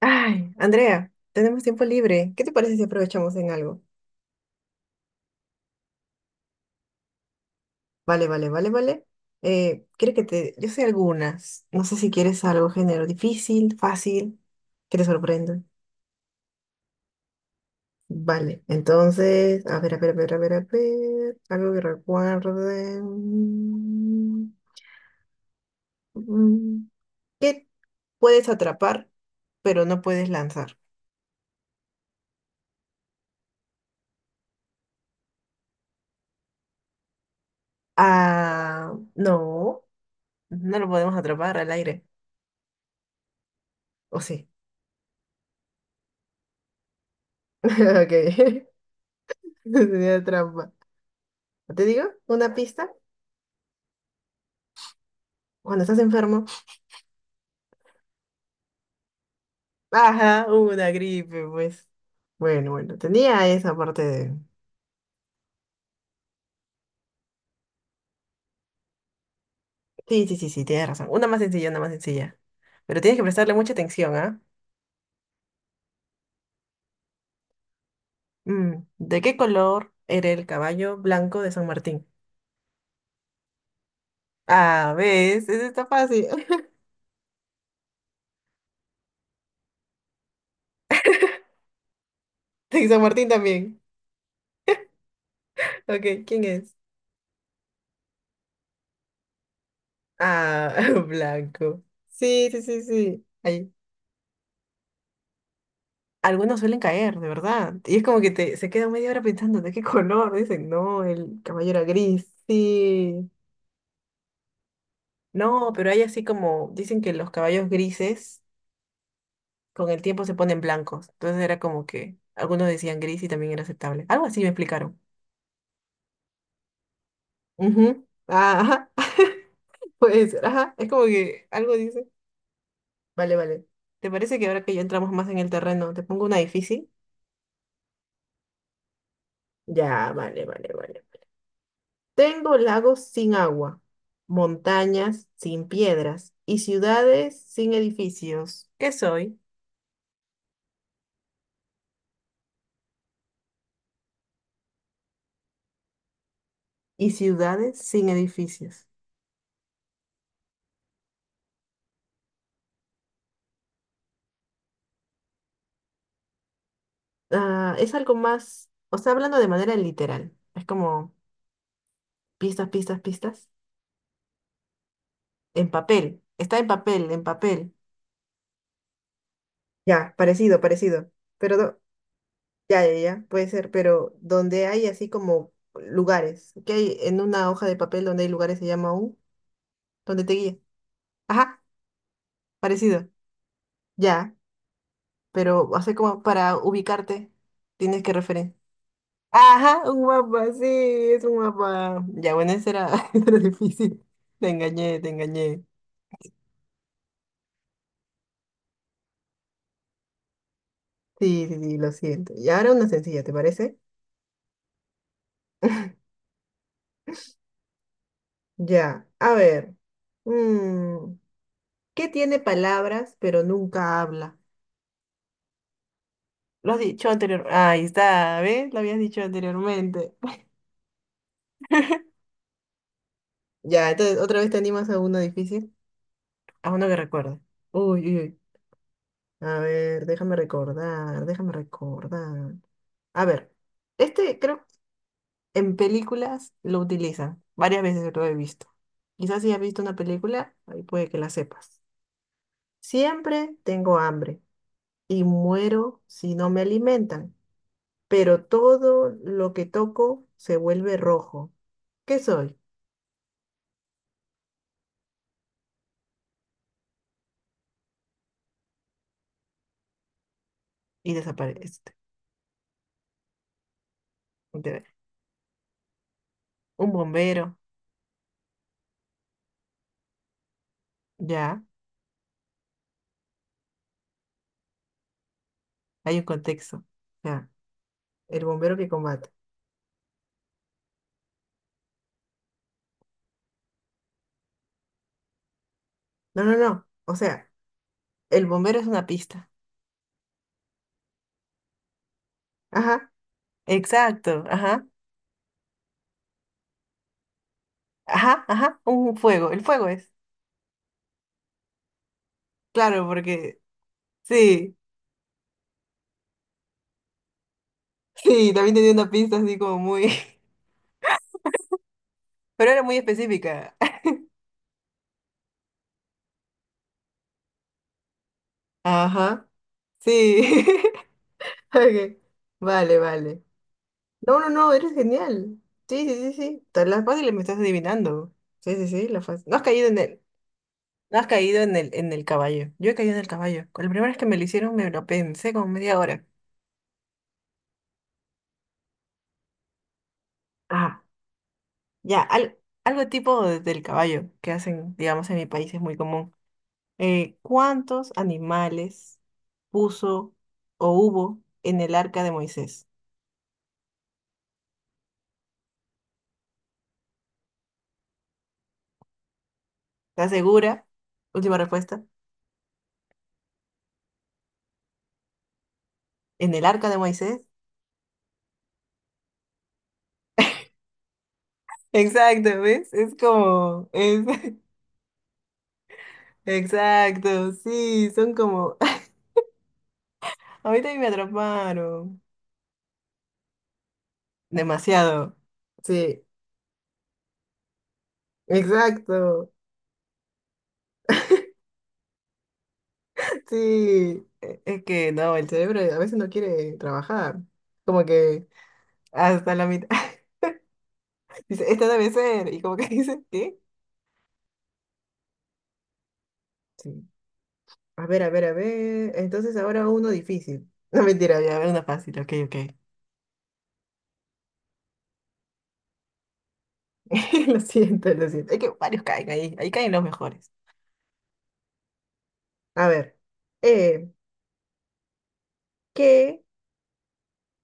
Ay, Andrea, tenemos tiempo libre. ¿Qué te parece si aprovechamos en algo? Vale, vale, vale, vale. Quiero que te... Yo sé algunas. No sé si quieres algo género difícil, fácil, que te sorprenda. Vale, entonces, a ver, a ver, a ver, a ver, a ver. Algo que recuerde. Mm, ¿Qué puedes atrapar, pero no puedes lanzar? Ah, no, no lo podemos atrapar al aire. ¿O sí? Ok. Sería trampa. ¿No? ¿Te digo? ¿Una pista? Cuando estás enfermo. Ajá, una gripe, pues. Bueno, bueno, tenía esa parte de... Sí, sí, sí, sí, tienes razón. Una más sencilla, una más sencilla. Pero tienes que prestarle mucha atención, ¿ah? ¿De qué color era el caballo blanco de San Martín? Ah, ¿ves? Eso está fácil. Sí, San Martín también. Ok, ¿quién es? Ah, blanco. Sí, sí, sí, sí. Ahí. Algunos suelen caer, de verdad. Y es como que te, se queda media hora pensando de qué color. Dicen, no, el caballo era gris. Sí. No, pero hay así como, dicen que los caballos grises con el tiempo se ponen blancos. Entonces era como que algunos decían gris y también era aceptable. Algo así me explicaron. Ujú. Ah, ajá. Puede ser, ajá. Es como que algo dice. Vale, vale. ¿Te parece que ahora que ya entramos más en el terreno, te pongo una difícil? Ya, vale, vale, vale. Tengo lagos sin agua, montañas sin piedras y ciudades sin edificios. ¿Qué soy? Y ciudades sin edificios. Ah, es algo más, o sea, hablando de manera literal. Es como pistas, pistas, pistas. En papel. Está en papel, en papel. Ya, parecido, parecido. Pero no, ya, ya, ya, puede ser, pero donde hay así como lugares, que hay en una hoja de papel donde hay lugares se llama un, donde te guía. Ajá, parecido. Ya, pero hace como para ubicarte, tienes que referir. Ajá, un mapa, sí, es un mapa. Ya, bueno, ese era, ese era difícil. Te engañé, te engañé. Sí, sí, sí, lo siento. Y ahora una sencilla, ¿te parece? Ya, a ver. Mm, ¿Qué tiene palabras pero nunca habla? Lo has dicho anteriormente. Ahí está, ¿ves? Lo habías dicho anteriormente. Ya, entonces, ¿otra vez te animas a uno difícil? A uno que recuerde. Uy, uy, uy. A ver, déjame recordar, déjame recordar. A ver, este creo que en películas lo utilizan. Varias veces lo he visto. Quizás si has visto una película, ahí puede que la sepas. Siempre tengo hambre y muero si no me alimentan, pero todo lo que toco se vuelve rojo. ¿Qué soy? Y desaparece. Te- Un bombero, ya, hay un contexto. Ya, el bombero que combate. No, no, no. O sea, el bombero es una pista. Ajá, exacto, ajá, ajá, ajá, un fuego, el fuego es, claro, porque sí, sí, también tenía una pista así como muy, pero era muy específica. Ajá, sí, ok, vale, vale. No, no, no, eres genial. Sí, sí, sí, sí, todas las fáciles me estás adivinando. Sí, sí, sí, las fáciles. No has caído en el, no has caído en el caballo. Yo he caído en el caballo. Con la primera vez que me lo hicieron me lo pensé como media hora. Ajá. Ya, algo tipo del caballo que hacen, digamos, en mi país es muy común. ¿Cuántos animales puso o hubo en el arca de Moisés? ¿Estás segura? Última respuesta. ¿En el arca de Moisés? Exacto, ¿ves? Es como... Es... Exacto, sí, son como... Ahorita me atraparon. Demasiado. Sí, exacto. Sí. Es que no, el cerebro a veces no quiere trabajar. Como que... Hasta la mitad. Dice, esta debe ser. Y como que dice, ¿qué? Sí. A ver, a ver, a ver. Entonces ahora uno difícil. No mentira, ya, a ver, una fácil, ok, ok. Lo siento, lo siento. Es que varios caen ahí. Ahí caen los mejores. A ver. Eh, ¿Qué?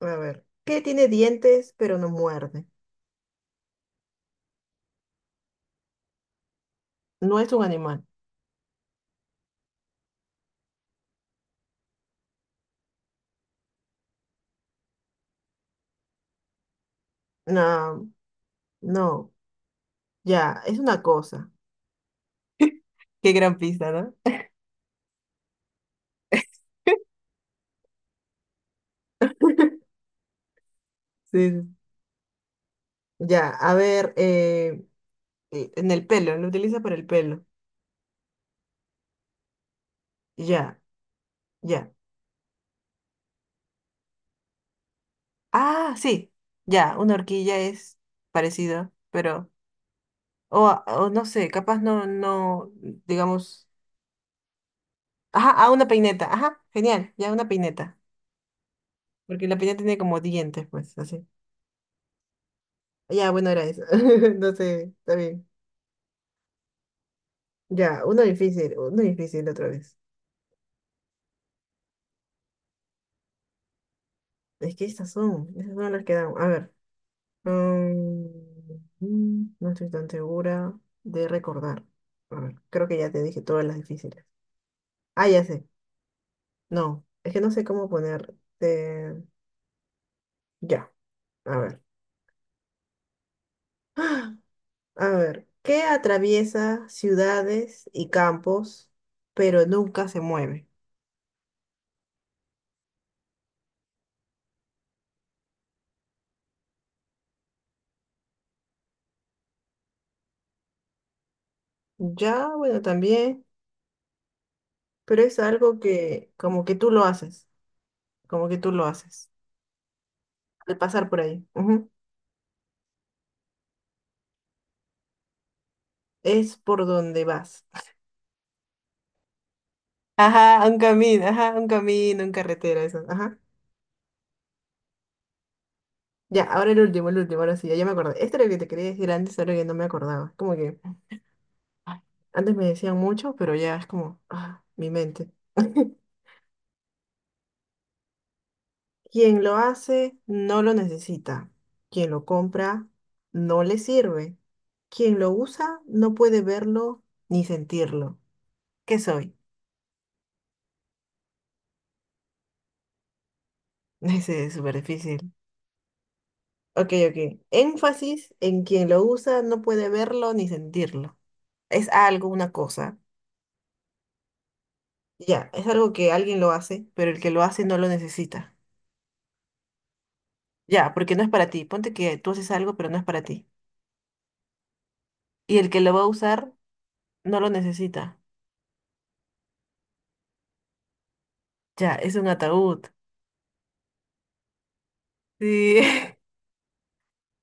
A ver. ¿Qué tiene dientes pero no muerde? No es un animal. No, no. Ya, es una cosa. Qué gran pista, ¿no? Sí, sí. Ya, a ver. En el pelo, lo utiliza para el pelo. Ya, ya. Ah, sí, ya, una horquilla es parecido, pero, o no sé, capaz no, no, digamos, ajá, ah, una peineta, ajá, genial, ya una peineta, porque la peineta tiene como dientes, pues, así. Ya, bueno, era eso, no sé, está bien. Ya, uno difícil otra vez. Es que estas son las que dan, a ver. mm, no estoy tan segura de recordar. A ver, creo que ya te dije todas las difíciles. Ah, ya sé. No, es que no sé cómo ponerte. Ya, a ver. A ver, ¿qué atraviesa ciudades y campos, pero nunca se mueve? Ya, bueno, también, pero es algo que como que tú lo haces, como que tú lo haces al pasar por ahí. Ujú, es por donde vas. Ajá, un camino, en carretera, eso. Ajá. Ya, ahora el último, ahora sí, ya, ya me acordé. Este era el que te quería decir antes, ahora que no me acordaba. Como que ay, antes me decían mucho, pero ya es como, ah, mi mente. Quien lo hace no lo necesita. Quien lo compra no le sirve. Quien lo usa no puede verlo ni sentirlo. ¿Qué soy? Ese es súper difícil. Ok, ok. Énfasis en quien lo usa no puede verlo ni sentirlo. Es algo, una cosa. Ya, es algo que alguien lo hace, pero el que lo hace no lo necesita. Ya, porque no es para ti. Ponte que tú haces algo, pero no es para ti. Y el que lo va a usar no lo necesita. Ya, es un ataúd. Sí.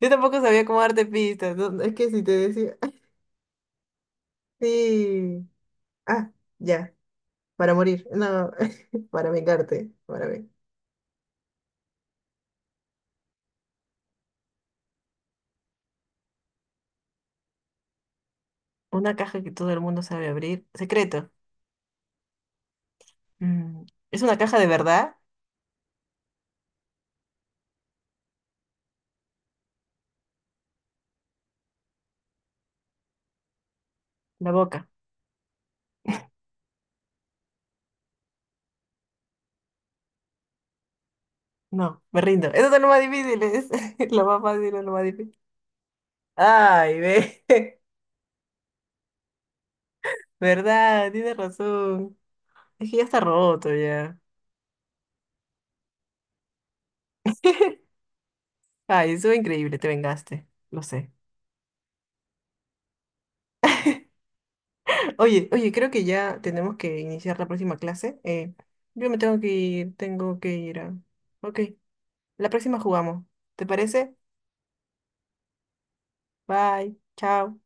Yo tampoco sabía cómo darte pistas, ¿no? Es que si te decía, sí. Ah, ya, para morir. No, para vengarte. Una caja que todo el mundo sabe abrir. Secreto. Mm, ¿Es una caja de verdad? La boca. No, me rindo. Eso es lo más difícil. Es lo más fácil es lo más difícil. Ay, ve. ¿Verdad? Tienes razón. Es que ya está roto ya. Ay, eso es increíble, te vengaste, lo sé. Oye, oye, creo que ya tenemos que iniciar la próxima clase. Yo me tengo que ir a... Ok, la próxima jugamos. ¿Te parece? Bye, chao.